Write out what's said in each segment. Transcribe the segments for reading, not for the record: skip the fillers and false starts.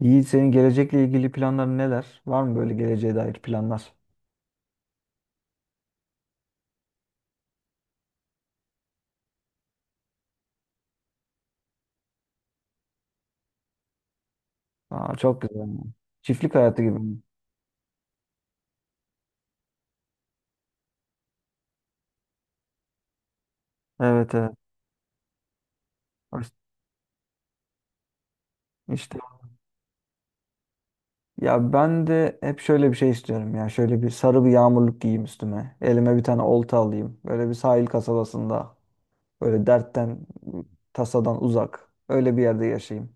Yiğit, senin gelecekle ilgili planların neler? Var mı böyle geleceğe dair planlar? Aa, çok güzel. Çiftlik hayatı gibi mi? Evet, evet. İşte ya ben de hep şöyle bir şey istiyorum ya. Şöyle bir sarı bir yağmurluk giyeyim üstüme. Elime bir tane olta alayım. Böyle bir sahil kasabasında. Böyle dertten, tasadan uzak. Öyle bir yerde yaşayayım.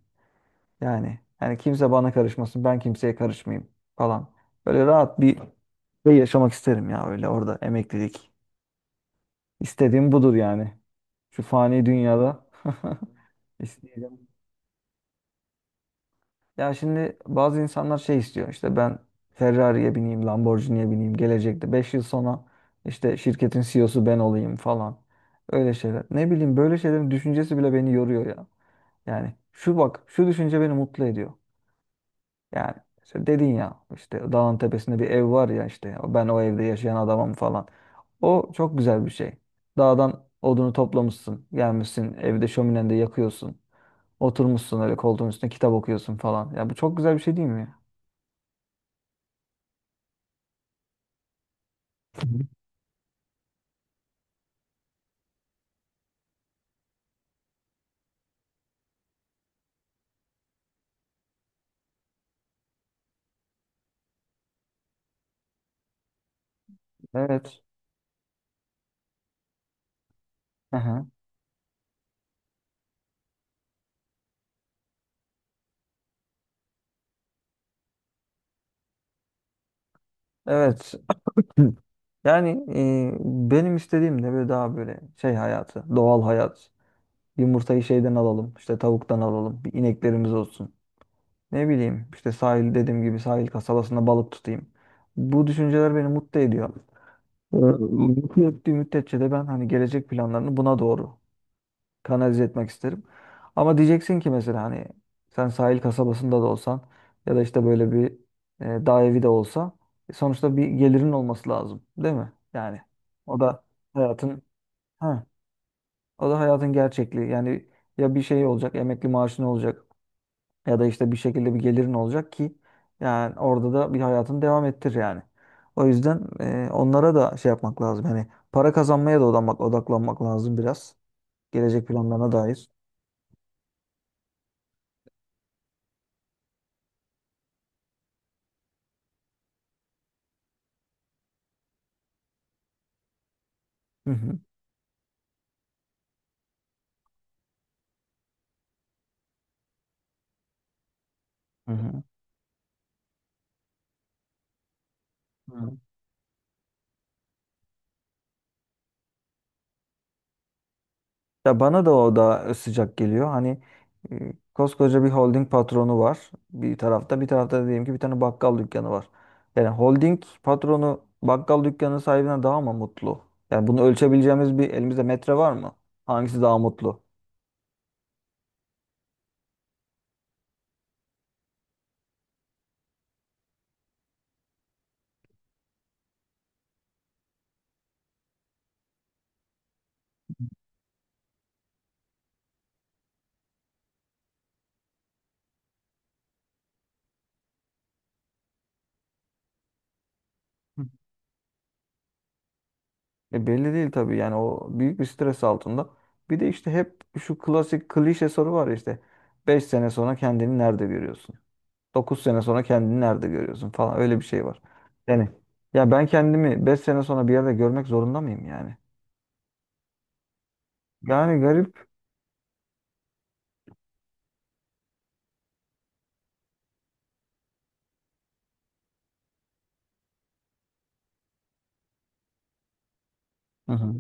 Yani kimse bana karışmasın. Ben kimseye karışmayayım falan. Böyle rahat bir şey yaşamak isterim ya, öyle orada emeklilik. İstediğim budur yani. Şu fani dünyada isteyeceğim. Ya şimdi bazı insanlar şey istiyor. İşte ben Ferrari'ye bineyim, Lamborghini'ye bineyim, gelecekte 5 yıl sonra işte şirketin CEO'su ben olayım falan. Öyle şeyler. Ne bileyim, böyle şeylerin düşüncesi bile beni yoruyor ya. Yani şu bak, şu düşünce beni mutlu ediyor. Yani işte dedin ya, işte dağın tepesinde bir ev var ya, işte ben o evde yaşayan adamım falan. O çok güzel bir şey. Dağdan odunu toplamışsın, gelmişsin evde şöminende yakıyorsun. Oturmuşsun öyle koltuğun üstüne kitap okuyorsun falan. Ya bu çok güzel bir şey değil mi ya? Evet. Aha. Evet. Hı. Evet. Yani benim istediğim de böyle daha böyle şey hayatı, doğal hayat. Yumurtayı şeyden alalım, işte tavuktan alalım, bir ineklerimiz olsun. Ne bileyim, işte sahil dediğim gibi sahil kasabasında balık tutayım. Bu düşünceler beni mutlu ediyor. Mutlu ettiği müddetçe de ben hani gelecek planlarını buna doğru kanalize etmek isterim. Ama diyeceksin ki mesela hani sen sahil kasabasında da olsan ya da işte böyle bir dağ evi de olsa, sonuçta bir gelirin olması lazım, değil mi? Yani o da hayatın ha, o da hayatın gerçekliği. Yani ya bir şey olacak, emekli maaşın olacak ya da işte bir şekilde bir gelirin olacak ki yani orada da bir hayatını devam ettir yani. O yüzden onlara da şey yapmak lazım. Hani para kazanmaya da odaklanmak, lazım biraz. Gelecek planlarına dair. Hı hı. Hı hı. Hı. Ya bana da o da sıcak geliyor. Hani koskoca bir holding patronu var bir tarafta, bir tarafta da diyelim ki bir tane bakkal dükkanı var. Yani holding patronu bakkal dükkanı sahibine daha mı mutlu? Yani bunu ölçebileceğimiz bir elimizde metre var mı? Hangisi daha mutlu? Hı. E, belli değil tabii, yani o büyük bir stres altında. Bir de işte hep şu klasik klişe soru var ya, işte beş sene sonra kendini nerede görüyorsun? 9 sene sonra kendini nerede görüyorsun falan, öyle bir şey var. Yani ya ben kendimi 5 sene sonra bir yerde görmek zorunda mıyım yani? Yani garip. Hı hı.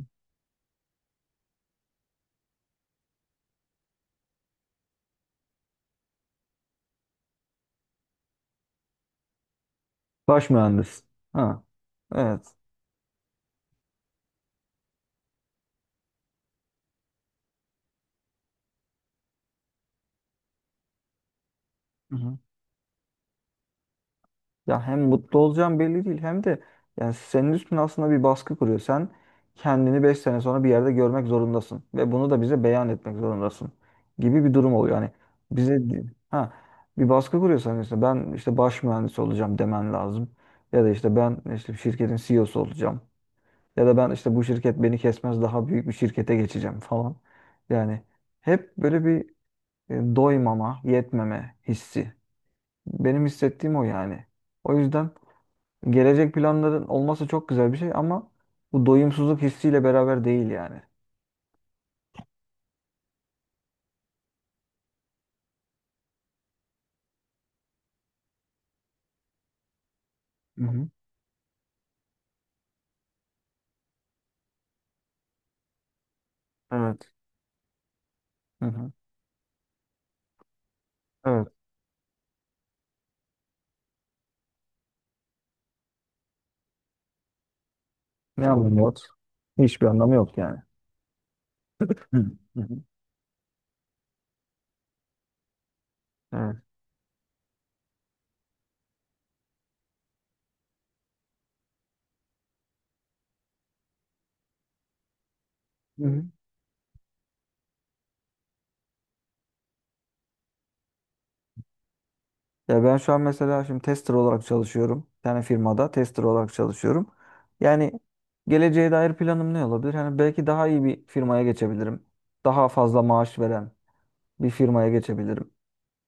Baş mühendis. Ha, evet. Hı hı. Ya hem mutlu olacağım belli değil, hem de yani senin üstüne aslında bir baskı kuruyor. Sen kendini 5 sene sonra bir yerde görmek zorundasın ve bunu da bize beyan etmek zorundasın gibi bir durum oluyor. Yani bize ha bir baskı kuruyorsan, işte ben işte baş mühendis olacağım demen lazım. Ya da işte ben işte şirketin CEO'su olacağım. Ya da ben işte bu şirket beni kesmez, daha büyük bir şirkete geçeceğim falan. Yani hep böyle bir doymama, yetmeme hissi. Benim hissettiğim o yani. O yüzden gelecek planların olması çok güzel bir şey, ama bu doyumsuzluk hissiyle beraber değil yani. Hı hı. Evet. Hı hı. Evet. Ne anlamı yok? Hiçbir anlamı yok yani. Hı hı. Evet. Hı, hı. Ya ben şu an mesela şimdi tester olarak çalışıyorum. Bir tane firmada tester olarak çalışıyorum. Yani geleceğe dair planım ne olabilir? Hani belki daha iyi bir firmaya geçebilirim. Daha fazla maaş veren bir firmaya geçebilirim.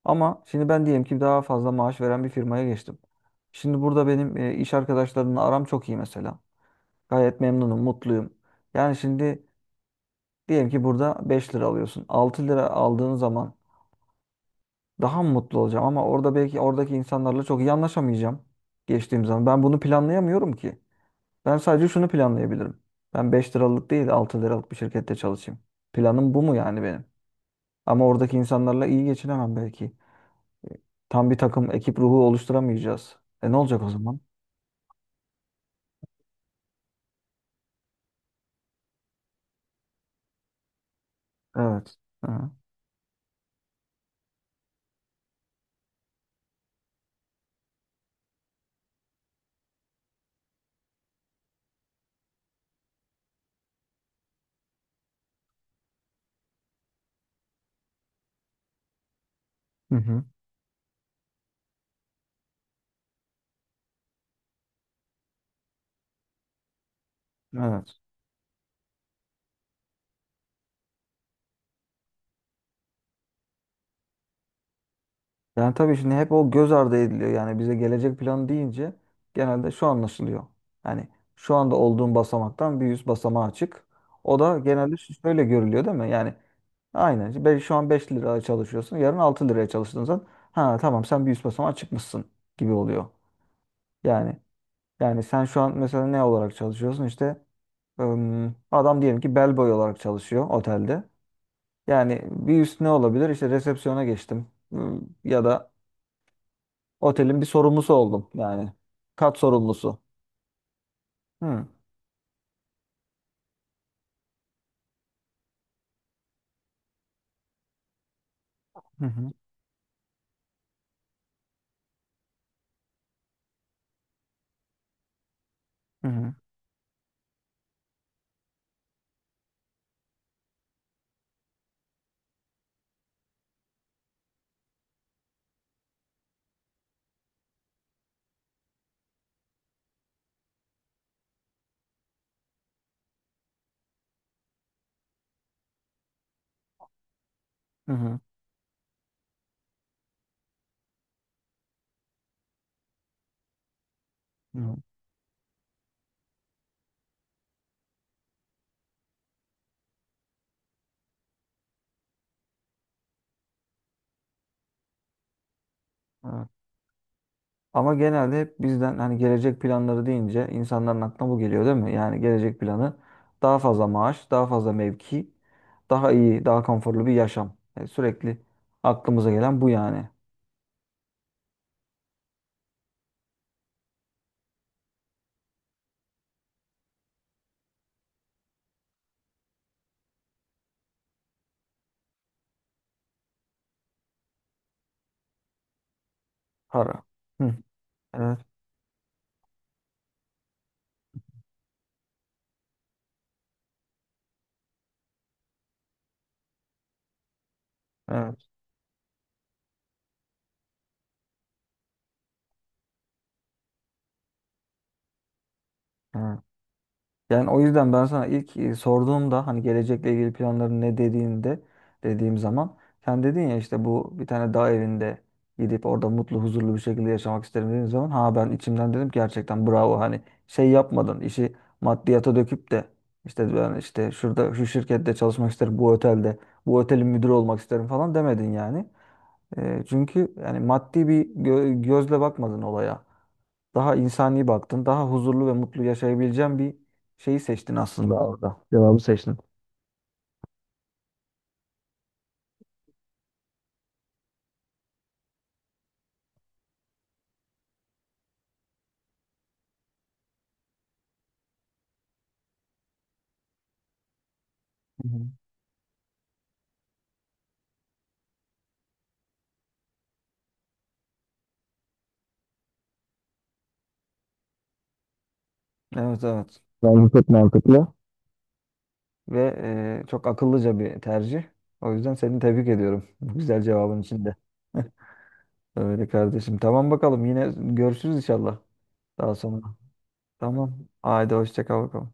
Ama şimdi ben diyelim ki daha fazla maaş veren bir firmaya geçtim. Şimdi burada benim iş arkadaşlarımla aram çok iyi mesela. Gayet memnunum, mutluyum. Yani şimdi diyelim ki burada 5 lira alıyorsun. 6 lira aldığın zaman daha mı mutlu olacağım, ama orada belki oradaki insanlarla çok iyi anlaşamayacağım geçtiğim zaman. Ben bunu planlayamıyorum ki. Ben sadece şunu planlayabilirim. Ben 5 liralık değil, 6 liralık bir şirkette çalışayım. Planım bu mu yani benim? Ama oradaki insanlarla iyi geçinemem belki. Tam bir takım ekip ruhu oluşturamayacağız. E, ne olacak o zaman? Evet. Hı. Hı hı. Evet. Yani tabii şimdi hep o göz ardı ediliyor. Yani bize gelecek planı deyince genelde şu anlaşılıyor. Yani şu anda olduğun basamaktan bir yüz basamağa çık. O da genelde şöyle görülüyor, değil mi? Yani aynen. işte şu an 5 liraya çalışıyorsun. Yarın 6 liraya çalıştığın zaman ha tamam, sen bir yüz basamağa çıkmışsın gibi oluyor. Yani yani sen şu an mesela ne olarak çalışıyorsun? İşte adam diyelim ki bellboy olarak çalışıyor otelde. Yani bir üst ne olabilir? İşte resepsiyona geçtim. Ya da otelin bir sorumlusu oldum yani. Kat sorumlusu. Hı hı hı hı hı hı hı. Hı, evet. Ama genelde hep bizden hani gelecek planları deyince insanların aklına bu geliyor, değil mi? Yani gelecek planı daha fazla maaş, daha fazla mevki, daha iyi, daha konforlu bir yaşam. Yani sürekli aklımıza gelen bu yani. Para. Hı. Evet, evet, evet. Yani o yüzden ben sana ilk sorduğumda hani gelecekle ilgili planların ne dediğinde dediğim zaman sen dedin ya, işte bu bir tane dağ evinde gidip orada mutlu huzurlu bir şekilde yaşamak isterim dediğim zaman ha ben içimden dedim ki gerçekten bravo, hani şey yapmadın, işi maddiyata döküp de işte ben işte şurada şu şirkette çalışmak isterim, bu otelde bu otelin müdürü olmak isterim falan demedin yani. E, çünkü yani maddi bir gözle bakmadın olaya. Daha insani baktın. Daha huzurlu ve mutlu yaşayabileceğin bir şeyi seçtin aslında orada. Cevabı seçtin. Hı hı. Evet, evet. Bence çok mantıklı. Ve çok akıllıca bir tercih. O yüzden seni tebrik ediyorum. Bu güzel cevabın içinde. Öyle kardeşim. Tamam bakalım. Yine görüşürüz inşallah daha sonra. Tamam. Haydi hoşça kal bakalım.